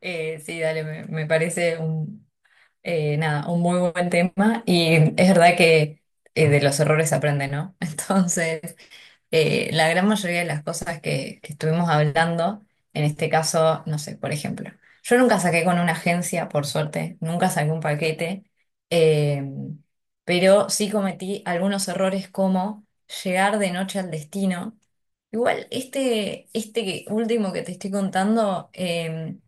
Sí, dale, me parece un, nada, un muy buen tema, y es verdad que de los errores se aprende, ¿no? Entonces, la gran mayoría de las cosas que estuvimos hablando, en este caso, no sé, por ejemplo, yo nunca saqué con una agencia, por suerte, nunca saqué un paquete, eh, pero sí cometí algunos errores como llegar de noche al destino. Igual, este último que te estoy contando.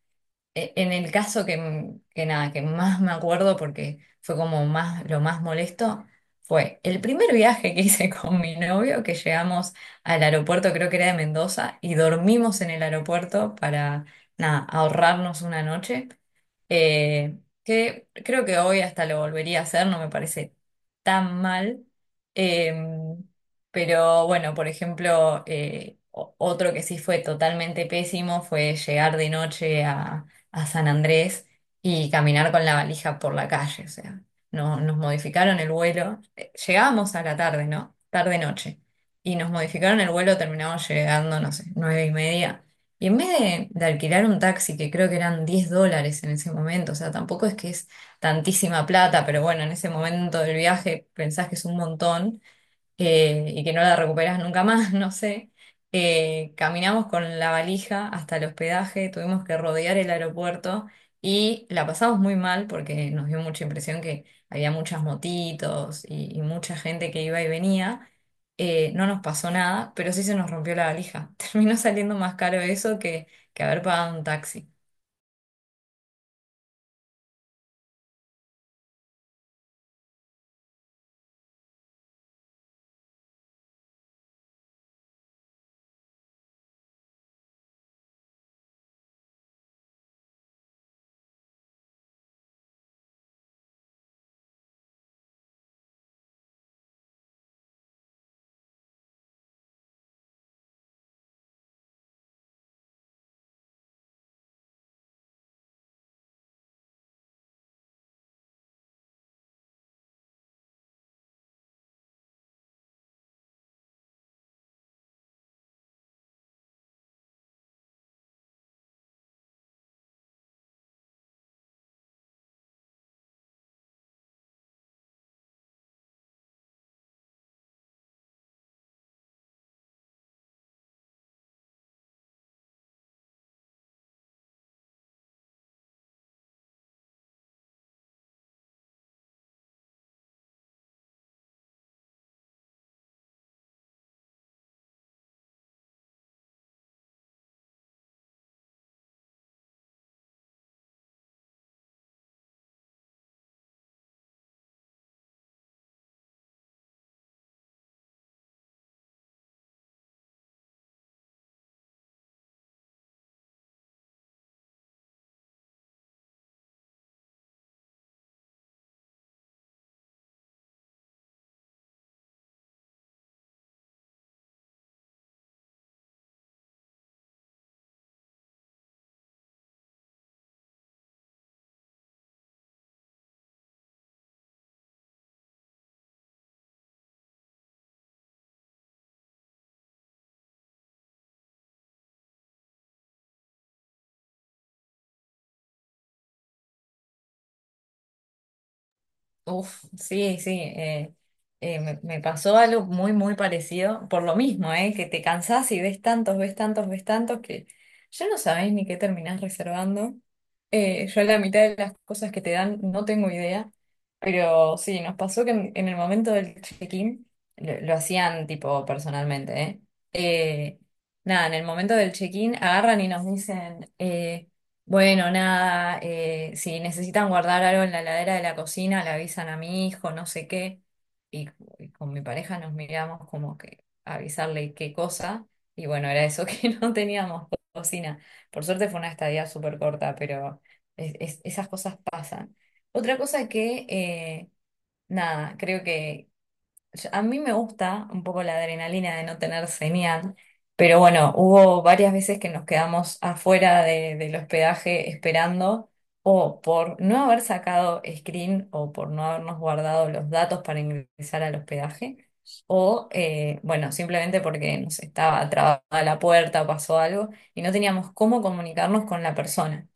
En el caso que, nada, que más me acuerdo porque fue como más, lo más molesto, fue el primer viaje que hice con mi novio, que llegamos al aeropuerto, creo que era de Mendoza, y dormimos en el aeropuerto para, nada, ahorrarnos una noche, eh, que creo que hoy hasta lo volvería a hacer, no me parece tan mal. em, pero bueno, por ejemplo, otro que sí fue totalmente pésimo fue llegar de noche a San Andrés y caminar con la valija por la calle. O sea, no, nos modificaron el vuelo. Llegábamos a la tarde, ¿no? Tarde-noche. Y nos modificaron el vuelo, terminamos llegando, no sé, nueve y media. Y en vez de alquilar un taxi, que creo que eran 10 dólares en ese momento, o sea, tampoco es que es tantísima plata, pero bueno, en ese momento del viaje pensás que es un montón, y que no la recuperás nunca más, no sé. Caminamos con la valija hasta el hospedaje, tuvimos que rodear el aeropuerto y la pasamos muy mal porque nos dio mucha impresión que había muchas motitos y mucha gente que iba y venía. No nos pasó nada, pero sí se nos rompió la valija. Terminó saliendo más caro eso que haber pagado un taxi. Uf, sí, sí, me pasó algo muy, muy parecido, por lo mismo, que te cansás y ves tantos, ves tantos, ves tantos, que ya no sabés ni qué terminás reservando. Yo la mitad de las cosas que te dan no tengo idea, pero sí, nos pasó que en el momento del check-in, lo hacían tipo personalmente, ¿eh? Eh, nada, En el momento del check-in agarran y nos dicen. Bueno, nada, si necesitan guardar algo en la heladera de la cocina, le avisan a mi hijo, no sé qué, y, y con mi pareja nos miramos como que avisarle qué cosa, y bueno, era eso que no teníamos cocina. Por suerte fue una estadía súper corta, pero esas cosas pasan. Otra cosa que, nada, creo que a mí me gusta un poco la adrenalina de no tener señal, pero bueno, hubo varias veces que nos quedamos afuera del hospedaje esperando o por no haber sacado screen o por no habernos guardado los datos para ingresar al hospedaje o bueno, simplemente porque nos estaba trabada la puerta, pasó algo y no teníamos cómo comunicarnos con la persona.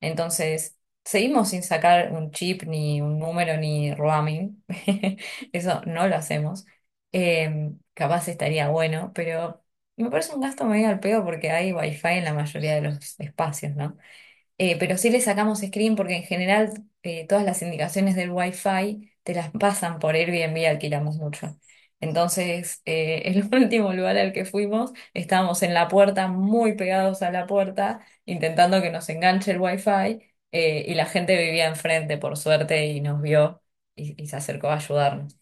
Entonces, seguimos sin sacar un chip ni un número ni roaming. Eso no lo hacemos. Capaz estaría bueno, pero me parece un gasto medio al pedo porque hay wifi en la mayoría de los espacios, ¿no? Pero sí le sacamos screen porque en general, todas las indicaciones del wifi te las pasan por Airbnb, alquilamos mucho. Entonces, el último lugar al que fuimos, estábamos en la puerta, muy pegados a la puerta, intentando que nos enganche el wifi, y la gente vivía enfrente, por suerte, y nos vio y se acercó a ayudarnos.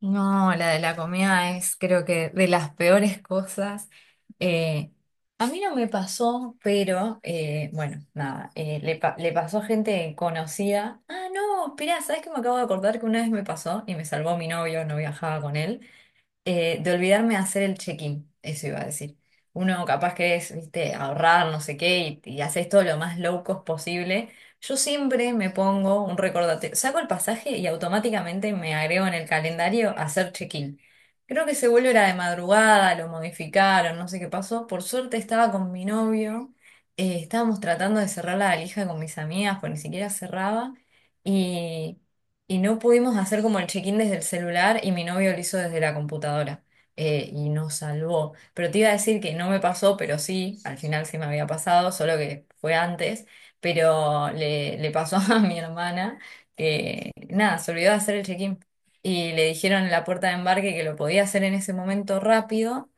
No, la de la comida es creo que de las peores cosas. Eh, a mí no me pasó, pero bueno, nada, le pasó a gente conocida. Ah, no, esperá, ¿sabes qué? Me acabo de acordar que una vez me pasó y me salvó mi novio, no viajaba con él. De olvidarme de hacer el check-in, eso iba a decir. Uno capaz que es, viste, ahorrar, no sé qué, y haces todo lo más low cost posible. Yo siempre me pongo un recordatorio, saco el pasaje y automáticamente me agrego en el calendario hacer check-in. Creo que ese vuelo era de madrugada, lo modificaron, no sé qué pasó. Por suerte estaba con mi novio, estábamos tratando de cerrar la valija con mis amigas, pues ni siquiera cerraba. Y y no pudimos hacer como el check-in desde el celular y mi novio lo hizo desde la computadora, y nos salvó. Pero te iba a decir que no me pasó, pero sí, al final sí me había pasado, solo que fue antes, pero le pasó a mi hermana que nada, se olvidó de hacer el check-in y le dijeron en la puerta de embarque que lo podía hacer en ese momento rápido,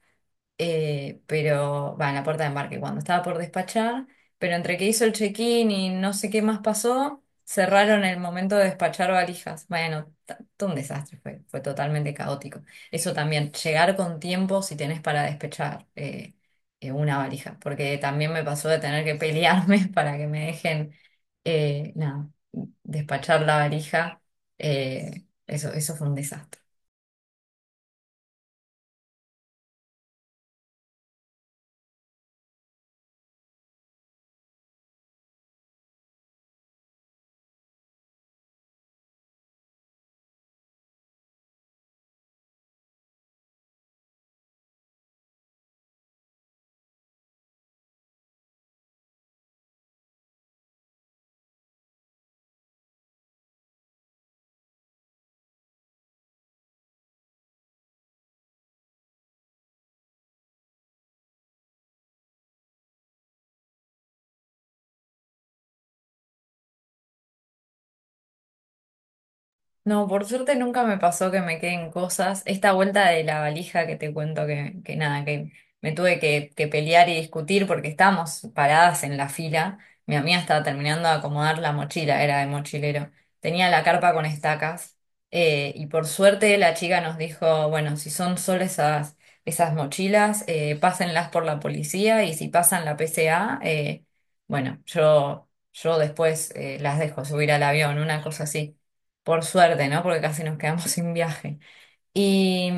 pero va en la puerta de embarque cuando estaba por despachar, pero entre que hizo el check-in y no sé qué más pasó, cerraron el momento de despachar valijas. Bueno, todo un desastre, fue, fue totalmente caótico. Eso también, llegar con tiempo si tenés para despechar una valija, porque también me pasó de tener que pelearme para que me dejen, nada, despachar la valija. Eso, eso fue un desastre. No, por suerte nunca me pasó que me queden cosas. Esta vuelta de la valija que te cuento que nada, que me tuve que pelear y discutir porque estábamos paradas en la fila. Mi amiga estaba terminando de acomodar la mochila, era de mochilero. Tenía la carpa con estacas, y por suerte la chica nos dijo, bueno, si son solo esas, esas mochilas, pásenlas por la policía y si pasan la PCA, bueno, yo después las dejo subir al avión, una cosa así. Por suerte, ¿no? Porque casi nos quedamos sin viaje. Y,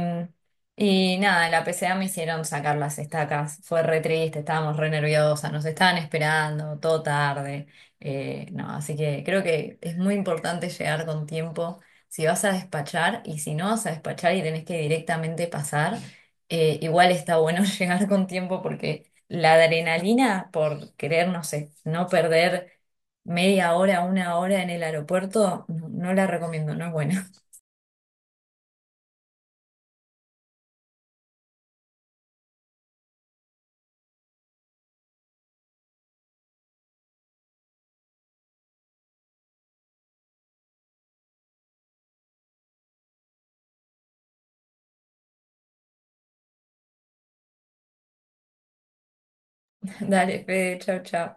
y nada, en la PCA me hicieron sacar las estacas. Fue re triste, estábamos re nerviosas, nos estaban esperando todo tarde. No, así que creo que es muy importante llegar con tiempo si vas a despachar, y si no vas a despachar y tenés que directamente pasar, igual está bueno llegar con tiempo porque la adrenalina por querer, no sé, no perder media hora, una hora en el aeropuerto, no, no la recomiendo, no es buena. Dale, Fede, chau, chau.